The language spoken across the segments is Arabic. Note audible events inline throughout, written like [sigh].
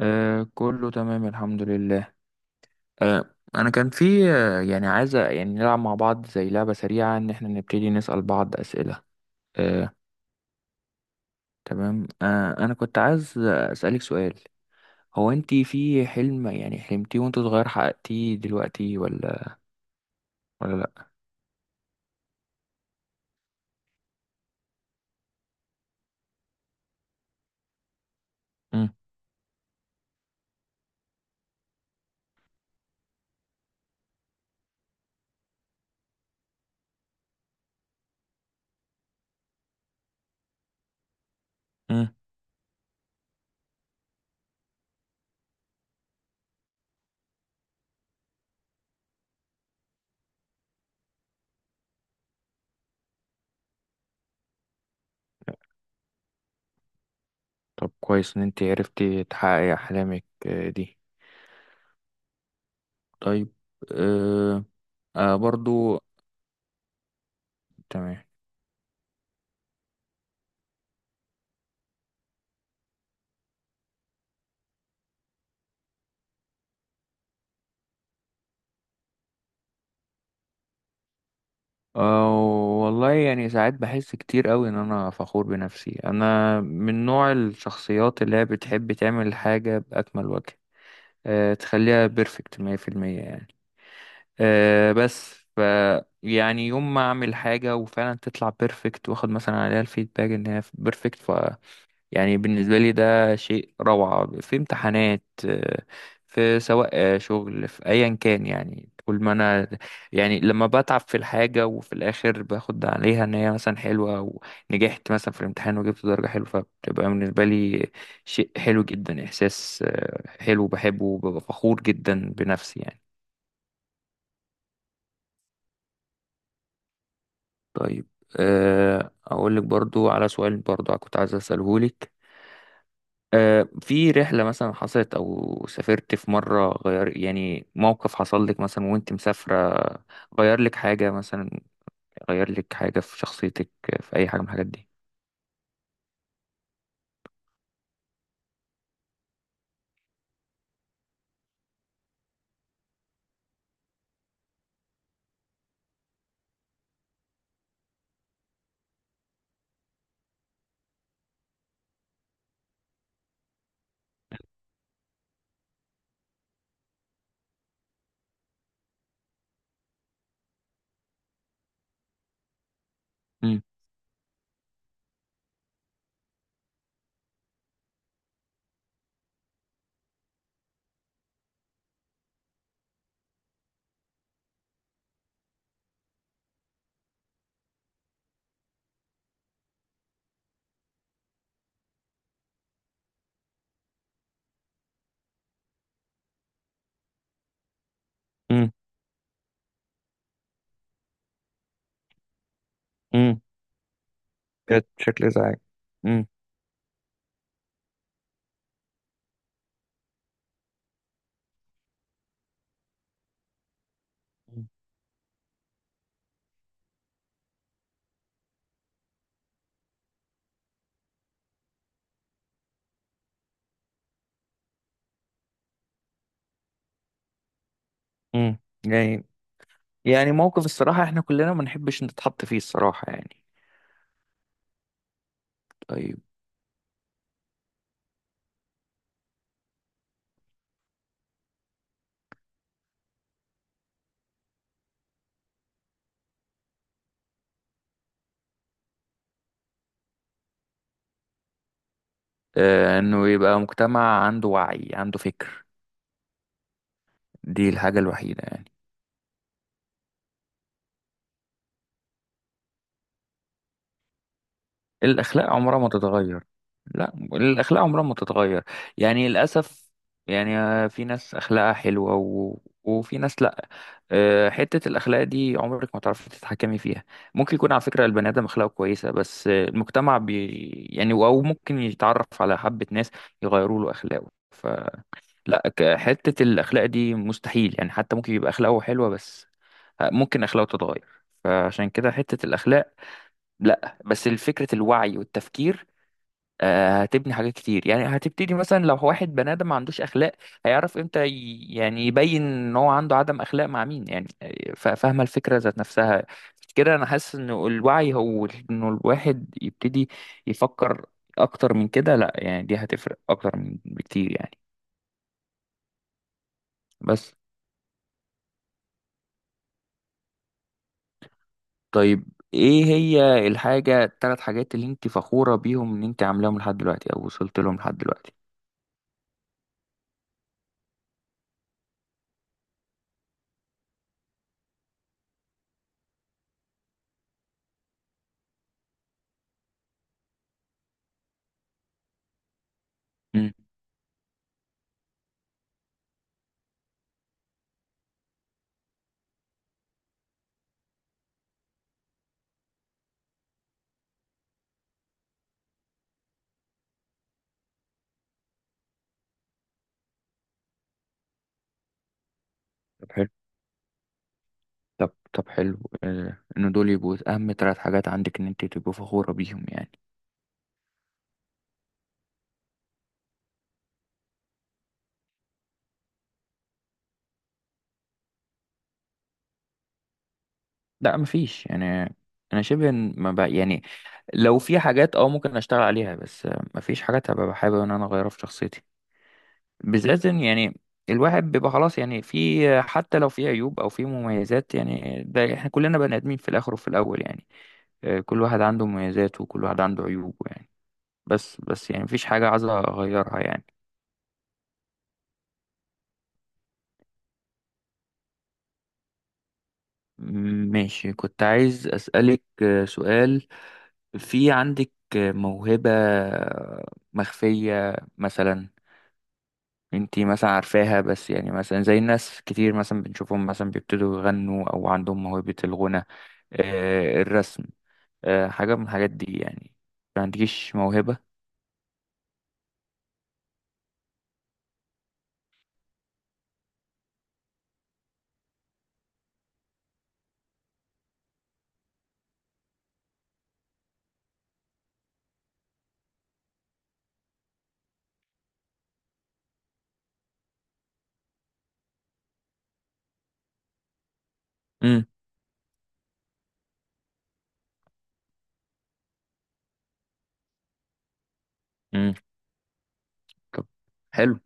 آه، كله تمام الحمد لله. انا كان في يعني عايزه يعني نلعب مع بعض زي لعبه سريعه ان احنا نبتدي نسال بعض اسئله. آه. تمام. انا كنت عايز اسالك سؤال. هو انت في حلم يعني حلمتيه وانت صغير حققتيه دلوقتي ولا ولا لا؟ مم. مم. طب، كويس ان انت عرفتي تحققي احلامك دي. طيب. آه. برضو. تمام. أه والله يعني ساعات بحس كتير قوي ان انا فخور بنفسي. انا من نوع الشخصيات اللي هي بتحب تعمل حاجة بأكمل وجه. تخليها بيرفكت 100% يعني. أه بس ف يعني يوم ما اعمل حاجة وفعلا تطلع بيرفكت، واخد مثلا عليها الفيدباك ان هي بيرفكت. يعني بالنسبة لي ده شيء روعة في امتحانات، في سواء شغل، في أيا كان يعني. كل ما أنا يعني لما بتعب في الحاجة وفي الآخر باخد عليها إن هي مثلا حلوة، ونجحت مثلا في الامتحان وجبت درجة حلوة، فبتبقى بالنسبة لي شيء حلو جدا. إحساس حلو بحبه وببقى فخور جدا بنفسي يعني. طيب. أقول لك برضو على سؤال برضو كنت عايز أسأله لك. في رحلة مثلا حصلت أو سافرت في مرة، غير يعني موقف حصل لك مثلا وأنت مسافرة، غير لك حاجة مثلا، غير لك حاجة في شخصيتك، في أي حاجة من الحاجات دي؟ مم. مم. مم. كانت بشكل إزعاج. مم. مم. يعني يعني موقف الصراحة إحنا كلنا ما نحبش نتحط فيه الصراحة يعني. طيب. إنه يبقى مجتمع عنده وعي، عنده فكر. دي الحاجة الوحيدة يعني. الأخلاق عمرها ما تتغير. لا، الأخلاق عمرها ما تتغير، يعني للأسف. يعني في ناس أخلاقها حلوة، و... وفي ناس لا. حتة الأخلاق دي عمرك ما تعرفي تتحكمي فيها. ممكن يكون على فكرة البني آدم أخلاقه كويسة، بس المجتمع يعني أو ممكن يتعرف على حبة ناس يغيروا له أخلاقه، فلا. حتة الأخلاق دي مستحيل يعني. حتى ممكن يبقى أخلاقه حلوة بس ممكن أخلاقه تتغير. فعشان كده حتة الأخلاق لا، بس فكرة الوعي والتفكير هتبني حاجات كتير يعني. هتبتدي مثلا لو واحد بني آدم ما عندوش أخلاق، هيعرف امتى يعني يبين ان هو عنده عدم أخلاق مع مين، يعني، فاهمة الفكرة ذات نفسها. كده أنا حاسس إن الوعي هو إنه الواحد يبتدي يفكر أكتر من كده. لا يعني دي هتفرق أكتر من بكتير يعني. بس. طيب. إيه هي التلات حاجات اللي أنت فخورة بيهم إن أنت عاملاهم لحد دلوقتي أو وصلت لهم لحد دلوقتي؟ مم. طب، حلو. ان دول يبقوا اهم ثلاث حاجات عندك ان انت تبقوا فخورة بيهم يعني. لا، مفيش يعني. انا شبه، إن ما بقى يعني. لو في حاجات ممكن اشتغل عليها، بس مفيش حاجات هبقى حابب ان انا اغيرها في شخصيتي. بالذات إن يعني الواحد بيبقى خلاص يعني. في حتى لو في عيوب او في مميزات، يعني ده احنا كلنا بني ادمين في الاخر وفي الاول يعني. كل واحد عنده مميزاته وكل واحد عنده عيوبه يعني. بس يعني مفيش حاجة عايز اغيرها يعني. ماشي، كنت عايز أسألك سؤال. في عندك موهبة مخفية مثلا؟ انتي مثلا عارفاها، بس يعني مثلا زي الناس كتير مثلا بنشوفهم مثلا بيبتدوا يغنوا أو عندهم موهبة الغنى، الرسم، حاجة من الحاجات دي يعني؟ ما عندكيش موهبة؟ امم امم طب، حلو.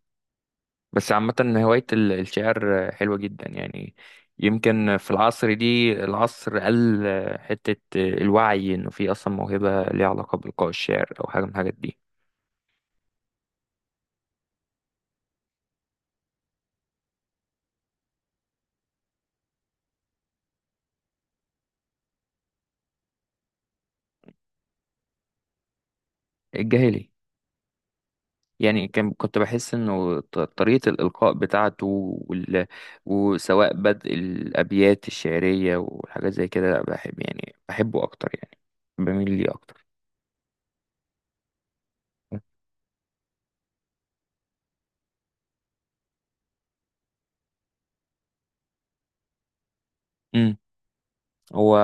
بس عامة، هواية الشعر حلوة جدا يعني. يمكن في العصر دي العصر قل حتة الوعي إنه في أصلا موهبة ليها علاقة بإلقاء الشعر أو حاجة من الحاجات دي. الجاهلي. يعني كنت بحس إنه طريقة الإلقاء بتاعته وال... وسواء بدء الأبيات الشعرية وحاجات زي كده، لا بحب يعني، بحبه أكتر يعني، بميل ليه أكتر. هو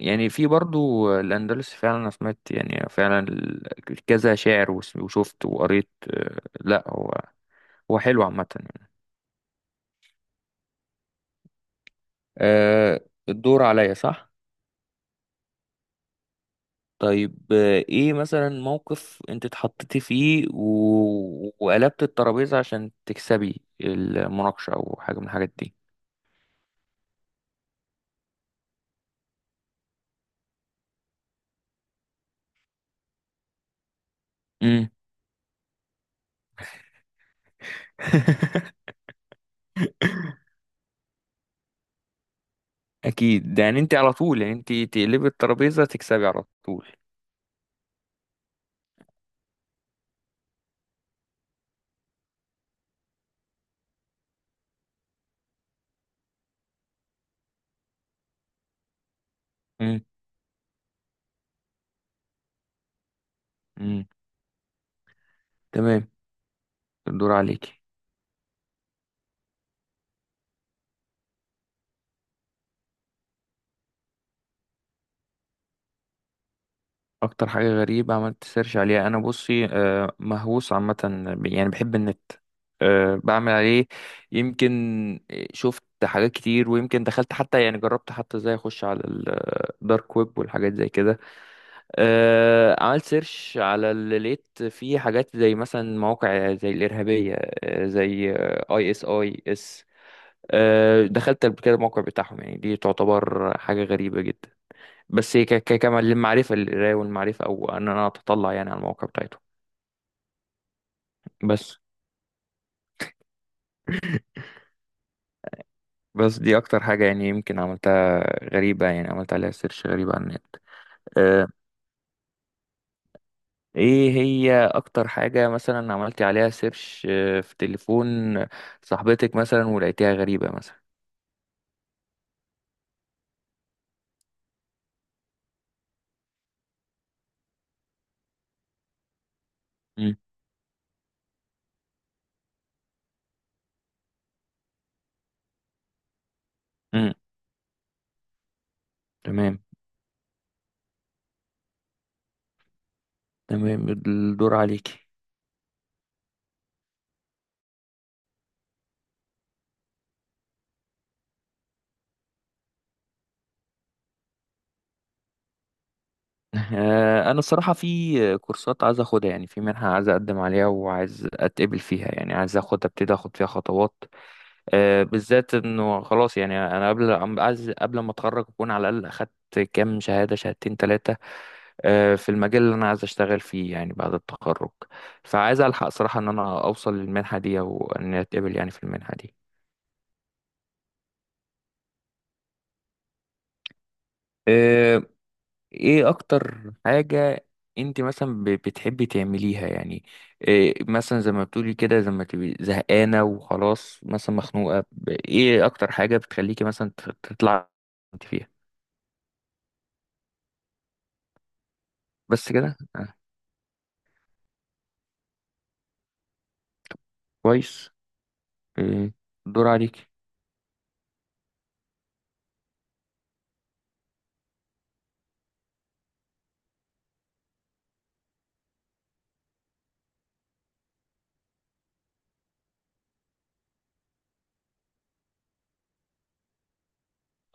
يعني في برضو الأندلس فعلا، أنا سمعت يعني فعلا كذا شاعر وشفت وقريت، لا هو، هو حلو عامة يعني. آه، الدور عليا، صح؟ طيب. ايه مثلا موقف انت اتحطيتي فيه و... وقلبت الترابيزة عشان تكسبي المناقشة أو حاجة من الحاجات دي؟ مم. [laughs] أكيد، ده يعني انت على طول يعني، انت تقلبي الترابيزة تكسبي على طول. مم. مم. تمام. الدور عليكي. اكتر حاجه غريبه عملت سيرش عليها، انا بصي مهووس عامه، يعني بحب النت، بعمل عليه. يمكن شفت حاجات كتير، ويمكن دخلت حتى، يعني جربت حتى ازاي اخش على الدارك ويب والحاجات زي كده. عملت سيرش على اللي لقيت فيه حاجات زي مثلا مواقع زي الارهابيه، زي ISIS. دخلت قبل كده الموقع بتاعهم يعني. دي تعتبر حاجه غريبه جدا، بس هي كمان للمعرفة، للقراية والمعرفة، أو إن أنا أتطلع يعني على المواقع بتاعته. بس. بس دي أكتر حاجة يعني يمكن عملتها غريبة، يعني عملت عليها سيرش غريبة على النت. آه، إيه هي أكتر حاجة مثلا عملتي عليها سيرش في تليفون صاحبتك مثلا، ولقيتيها غريبة مثلا؟ مم. مم. تمام. تمام، الدور عليكي. [laughs] انا الصراحه في كورسات عايز اخدها، يعني في منحه عايز اقدم عليها وعايز اتقبل فيها، يعني عايز اخد ابتدي اخد فيها خطوات. بالذات انه خلاص يعني انا عايز قبل ما اتخرج اكون على الاقل اخدت كام شهاده، شهادتين، ثلاثه في المجال اللي انا عايز اشتغل فيه، يعني بعد التخرج. فعايز الحق صراحه ان انا اوصل للمنحه دي او ان اتقبل يعني في المنحه دي. آه، ايه اكتر حاجه انت مثلا بتحبي تعمليها يعني؟ إيه مثلا زي ما بتقولي كده، زي ما تبقي زهقانه وخلاص مثلا مخنوقه، ايه اكتر حاجه بتخليكي مثلا تطلع انت فيها؟ بس كده. كويس. إيه، دور عليك.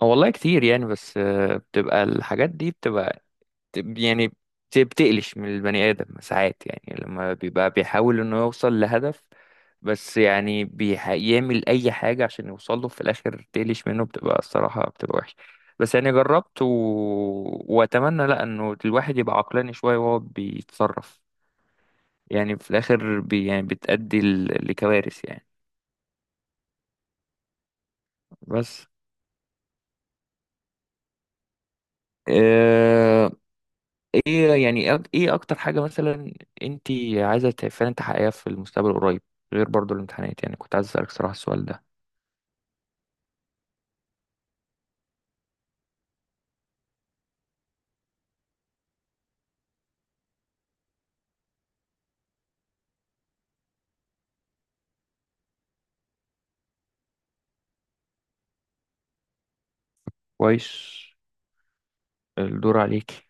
اه والله كتير يعني، بس بتبقى الحاجات دي بتبقى يعني بتقلش من البني آدم ساعات، يعني لما بيبقى بيحاول انه يوصل لهدف، بس يعني بيعمل اي حاجة عشان يوصل له. في الاخر تقلش منه، بتبقى الصراحة بتبقى وحشة. بس يعني جربت، واتمنى، لا، انه الواحد يبقى عقلاني شوية وهو بيتصرف. يعني في الاخر يعني بتأدي لكوارث يعني. بس. آه، ايه يعني ايه اكتر حاجة مثلا انت عايزة فعلا تحققيها في المستقبل القريب، غير برضو الامتحانات؟ يعني كنت عايز اسألك صراحة السؤال ده. كويس. الدور عليكي.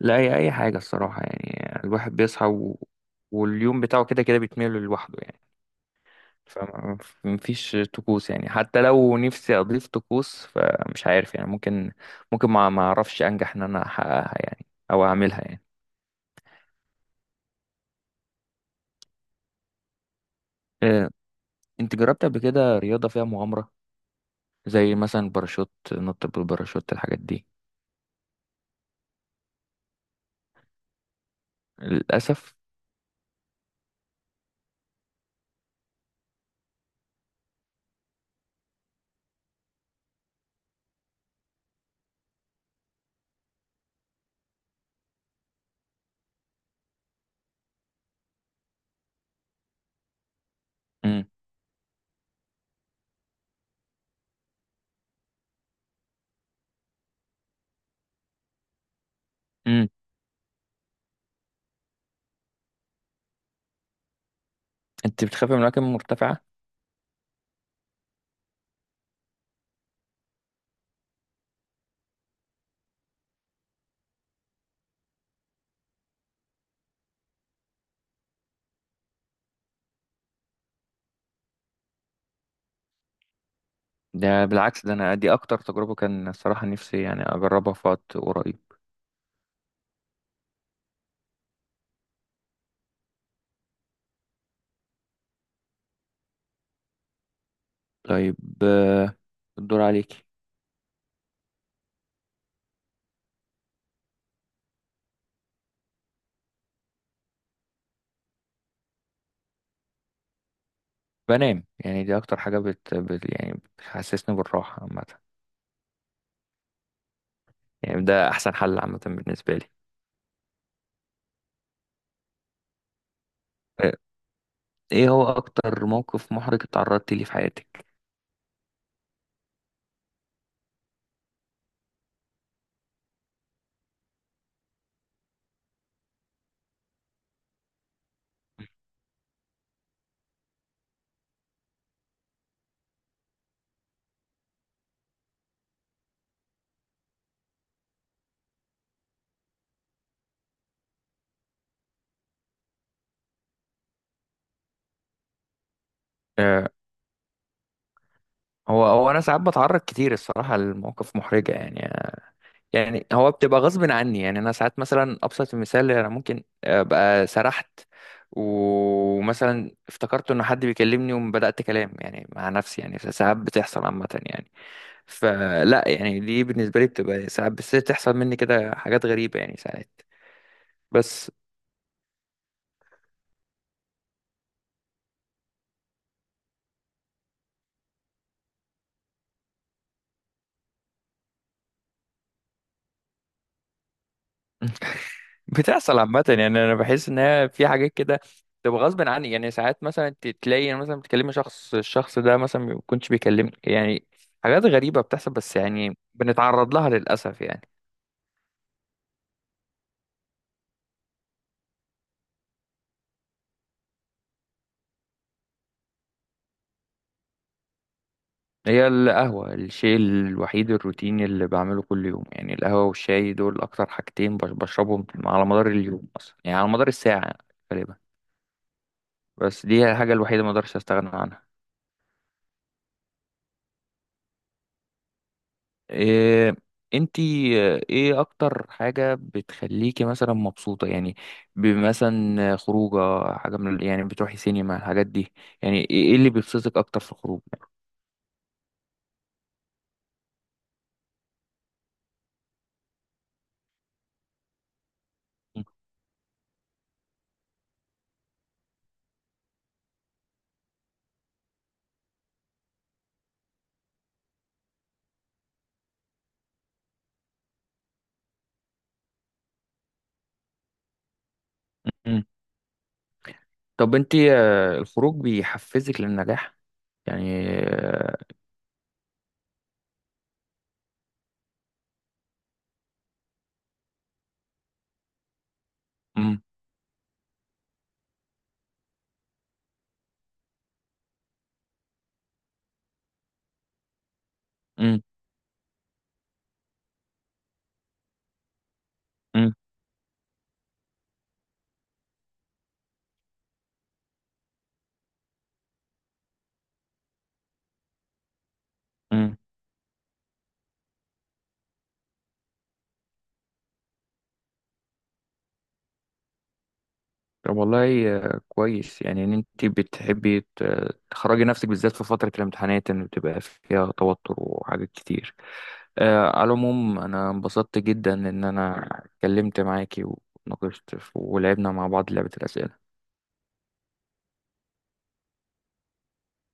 لا، هي اي حاجة الصراحة يعني، الواحد بيصحى، واليوم بتاعه كده كده بيتميل لوحده يعني. فمفيش طقوس يعني. حتى لو نفسي اضيف طقوس فمش عارف يعني، ممكن ما اعرفش انجح ان انا احققها يعني، او اعملها يعني. آه، انت جربت قبل كده رياضة فيها مغامرة، زي مثلا باراشوت، نط بالباراشوت، الحاجات دي؟ للأسف. مم. مم. انت بتخافي من الأماكن المرتفعة؟ ده بالعكس، ده أنا دي أكتر تجربة كان الصراحة نفسي يعني أجربها في وقت قريب. طيب. آه، الدور عليكي. بنام، يعني دي أكتر حاجة يعني بتحسسني بالراحة عامة. يعني ده أحسن حل عامة بالنسبة لي. آه، إيه هو أكتر موقف محرج اتعرضتي ليه في حياتك؟ آه، هو أنا ساعات بتعرض كتير الصراحة لمواقف محرجة يعني. يعني هو بتبقى غصب عني يعني. انا ساعات مثلا، ابسط المثال، انا ممكن ابقى سرحت ومثلا افتكرت ان حد بيكلمني وبدات كلام يعني مع نفسي، يعني ساعات بتحصل عامه يعني. فلا يعني، دي بالنسبه لي بتبقى ساعات، بس تحصل مني كده حاجات غريبه يعني ساعات. بس بتحصل عامة يعني، أنا بحس إن هي في حاجات كده تبقى غصب عني. يعني ساعات مثلا تلاقي أنا مثلا بتكلمي شخص، الشخص ده مثلا ما يكونش بيكلمني يعني. حاجات غريبة بتحصل بس، يعني بنتعرض لها للأسف يعني. هي القهوة الشيء الوحيد الروتيني اللي بعمله كل يوم يعني. القهوة والشاي دول أكتر حاجتين بشربهم على مدار اليوم أصلا يعني، على مدار الساعة غالبا. بس دي هي الحاجة الوحيدة ما أقدرش أستغنى عنها. إيه انتي ايه اكتر حاجة بتخليكي مثلا مبسوطة يعني، بمثلا خروجة، حاجة من يعني بتروحي سينما، الحاجات دي، يعني إيه اللي بيبسطك اكتر في الخروج يعني؟ م. طب، انتي الخروج بيحفزك للنجاح يعني م- م- م- م. طب والله كويس يعني ان انتي بتحبي تخرجي نفسك بالذات في فترة الامتحانات، ان بتبقى فيها توتر وحاجات كتير. على العموم انا انبسطت جدا ان انا اتكلمت معاكي، وناقشت ولعبنا مع بعض لعبة الأسئلة.